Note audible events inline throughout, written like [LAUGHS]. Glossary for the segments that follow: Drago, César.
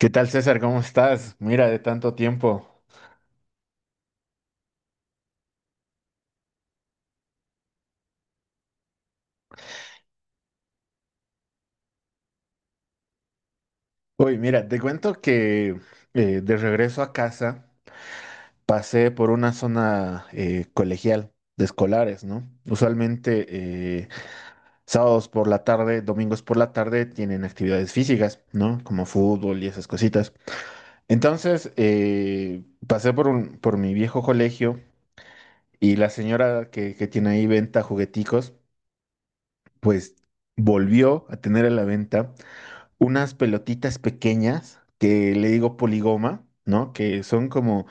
¿Qué tal, César? ¿Cómo estás? Mira, de tanto tiempo. Uy, mira, te cuento que de regreso a casa pasé por una zona colegial de escolares, ¿no? Usualmente eh, sábados por la tarde, domingos por la tarde tienen actividades físicas, ¿no? Como fútbol y esas cositas. Entonces, pasé por por mi viejo colegio y la señora que tiene ahí venta jugueticos, pues volvió a tener a la venta unas pelotitas pequeñas que le digo poligoma, ¿no? Que son como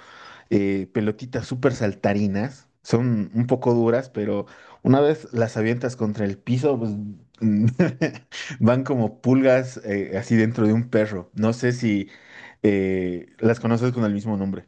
pelotitas súper saltarinas, son un poco duras, pero una vez las avientas contra el piso, pues [LAUGHS] van como pulgas así dentro de un perro. No sé si las conoces con el mismo nombre.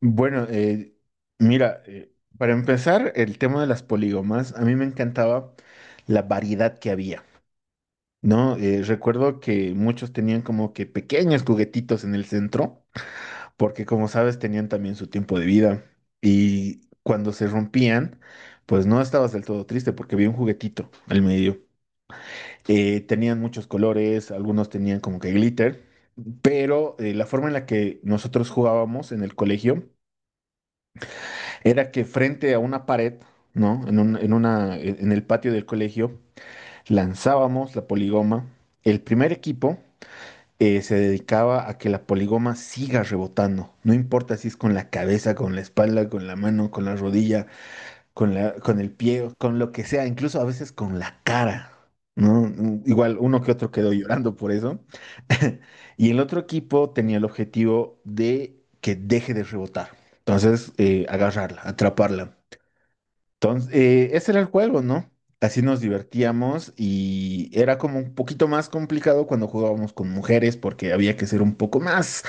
Bueno, mira, para empezar, el tema de las poligomas, a mí me encantaba la variedad que había. No, recuerdo que muchos tenían como que pequeños juguetitos en el centro, porque como sabes tenían también su tiempo de vida y cuando se rompían, pues no estabas del todo triste porque había un juguetito al medio. Tenían muchos colores, algunos tenían como que glitter, pero la forma en la que nosotros jugábamos en el colegio era que frente a una pared, ¿no? En en una, en el patio del colegio, lanzábamos la poligoma. El primer equipo se dedicaba a que la poligoma siga rebotando. No importa si es con la cabeza, con la espalda, con la mano, con la rodilla, con la, con el pie, con lo que sea, incluso a veces con la cara. ¿No? Igual uno que otro quedó llorando por eso. [LAUGHS] Y el otro equipo tenía el objetivo de que deje de rebotar. Entonces, agarrarla, atraparla. Entonces, ese era el juego, ¿no? Así nos divertíamos y era como un poquito más complicado cuando jugábamos con mujeres porque había que ser un poco más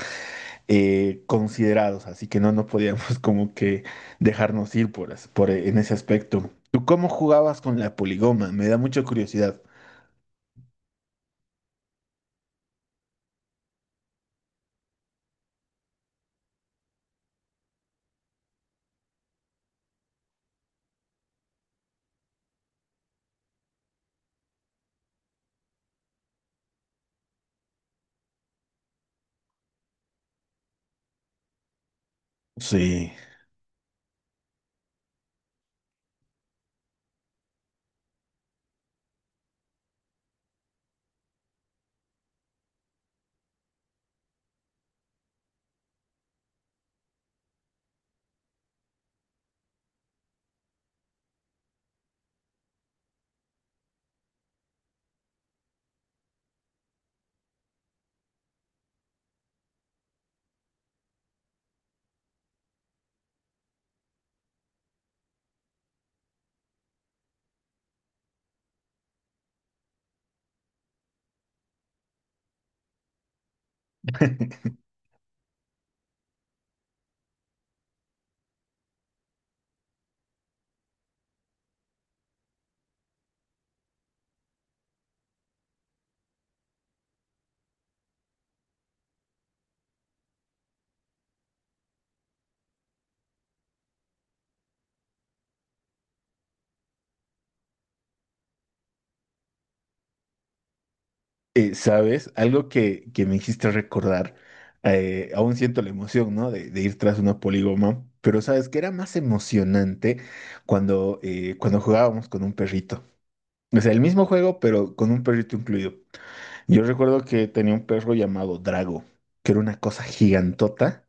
considerados, así que no, no podíamos [LAUGHS] como que dejarnos ir por, por en ese aspecto. ¿Tú cómo jugabas con la poligoma? Me da mucha curiosidad. Sí. ¿Sabes? Algo que me hiciste recordar, aún siento la emoción, ¿no? De ir tras una polígoma, pero ¿sabes que era más emocionante cuando, cuando jugábamos con un perrito? O sea, el mismo juego, pero con un perrito incluido. Yo recuerdo que tenía un perro llamado Drago, que era una cosa gigantota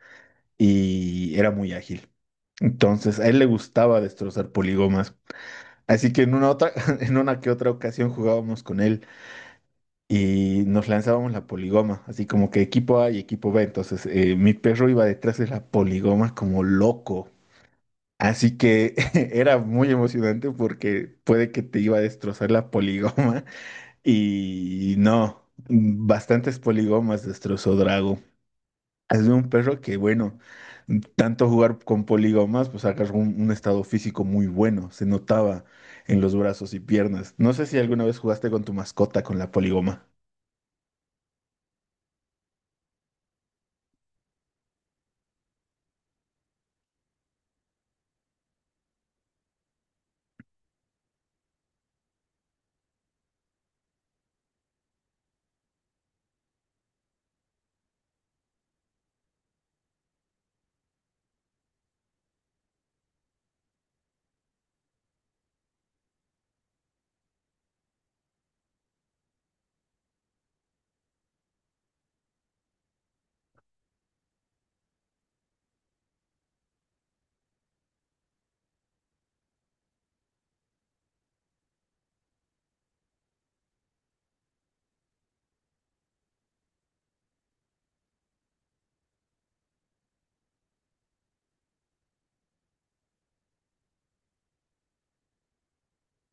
y era muy ágil. Entonces, a él le gustaba destrozar polígomas. Así que en una otra, [LAUGHS] en una que otra ocasión jugábamos con él y nos lanzábamos la poligoma, así como que equipo A y equipo B. Entonces, mi perro iba detrás de la poligoma como loco. Así que [LAUGHS] era muy emocionante porque puede que te iba a destrozar la poligoma [LAUGHS] y no, bastantes poligomas destrozó Drago. Es de un perro que, bueno, tanto jugar con poligomas, pues agarró un estado físico muy bueno, se notaba en los brazos y piernas. No sé si alguna vez jugaste con tu mascota con la poligoma.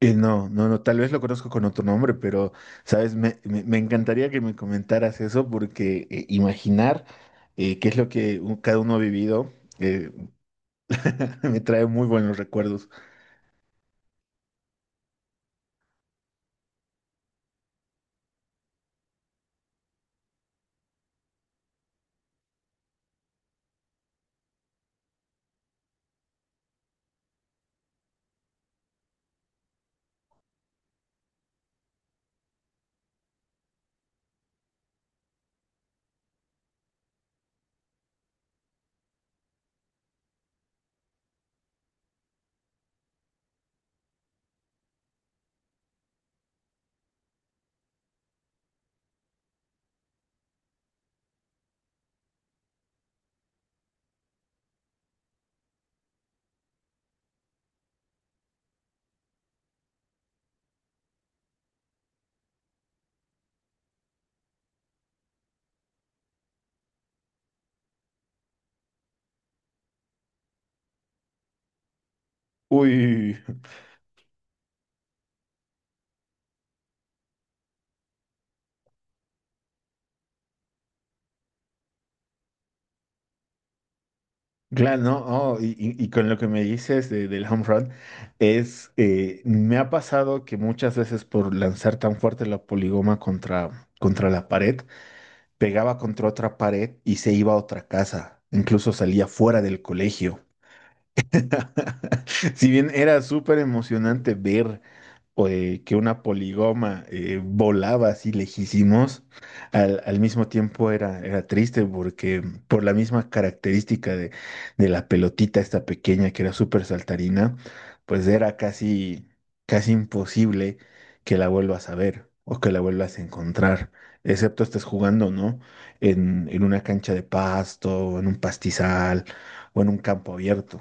No, no, no, tal vez lo conozco con otro nombre, pero, sabes, me, me encantaría que me comentaras eso porque imaginar qué es lo que cada uno ha vivido eh, [LAUGHS] me trae muy buenos recuerdos. Uy, claro, ¿no? Oh, y, y con lo que me dices del home run, es, me ha pasado que muchas veces por lanzar tan fuerte la poligoma contra, contra la pared, pegaba contra otra pared y se iba a otra casa, incluso salía fuera del colegio. [LAUGHS] Si bien era súper emocionante ver que una poligoma volaba así lejísimos, al, al mismo tiempo era, era triste porque por la misma característica de la pelotita esta pequeña que era súper saltarina, pues era casi, casi imposible que la vuelvas a ver o que la vuelvas a encontrar, excepto estés jugando, ¿no? En una cancha de pasto, en un pastizal o en un campo abierto.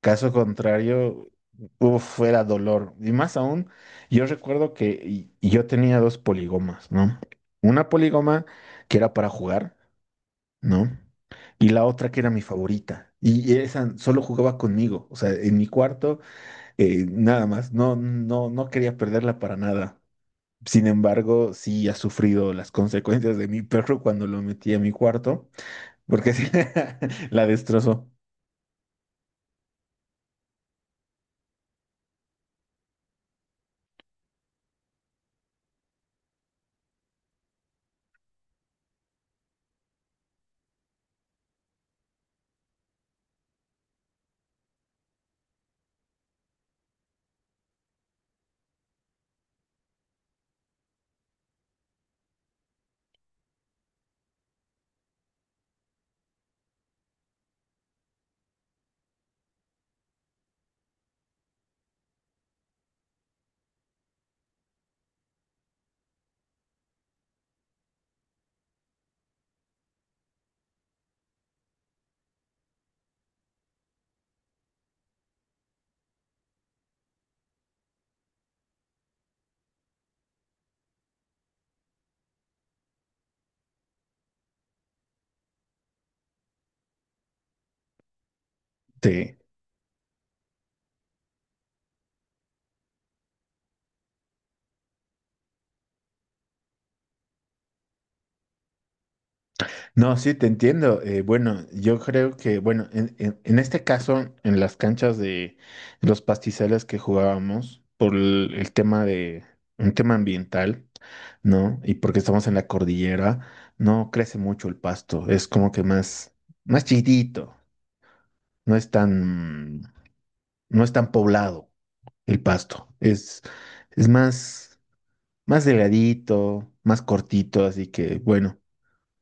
Caso contrario, uf, fuera dolor. Y más aún, yo recuerdo que y yo tenía dos poligomas, ¿no? Una poligoma que era para jugar, ¿no? Y la otra que era mi favorita. Y esa solo jugaba conmigo, o sea, en mi cuarto, nada más. No, no, no quería perderla para nada. Sin embargo, sí ha sufrido las consecuencias de mi perro cuando lo metí a mi cuarto, porque [LAUGHS] la destrozó. Sí. No, sí, te entiendo. Bueno, yo creo que, bueno, en, en este caso, en las canchas de los pastizales que jugábamos, por el tema de, un tema ambiental, ¿no? Y porque estamos en la cordillera, no crece mucho el pasto, es como que más, más chiquitito, no es tan, no es tan poblado el pasto, es más, más delgadito, más cortito, así que, bueno.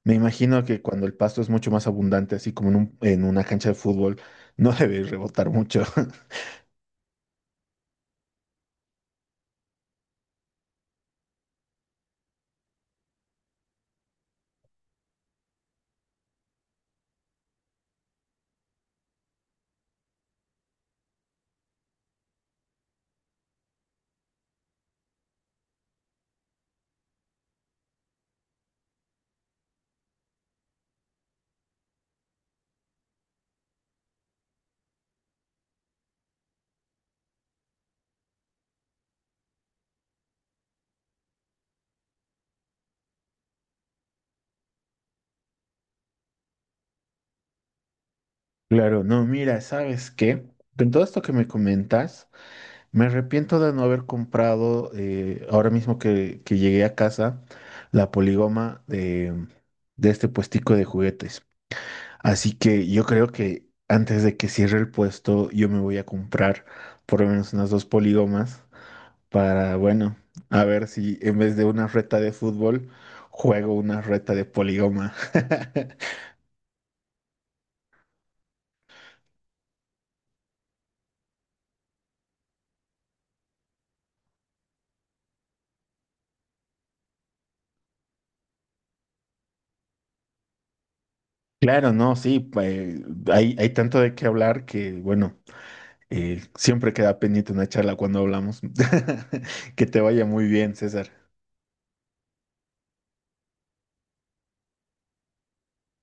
Me imagino que cuando el pasto es mucho más abundante, así como en en una cancha de fútbol, [LAUGHS] no debe rebotar mucho. [LAUGHS] Claro, no, mira, ¿sabes qué? Con todo esto que me comentas, me arrepiento de no haber comprado, ahora mismo que llegué a casa, la poligoma de este puestico de juguetes. Así que yo creo que antes de que cierre el puesto, yo me voy a comprar por lo menos unas 2 poligomas para, bueno, a ver si en vez de una reta de fútbol, juego una reta de poligoma. [LAUGHS] Claro, no, sí, hay, hay tanto de qué hablar que, bueno, siempre queda pendiente una charla cuando hablamos. [LAUGHS] Que te vaya muy bien, César.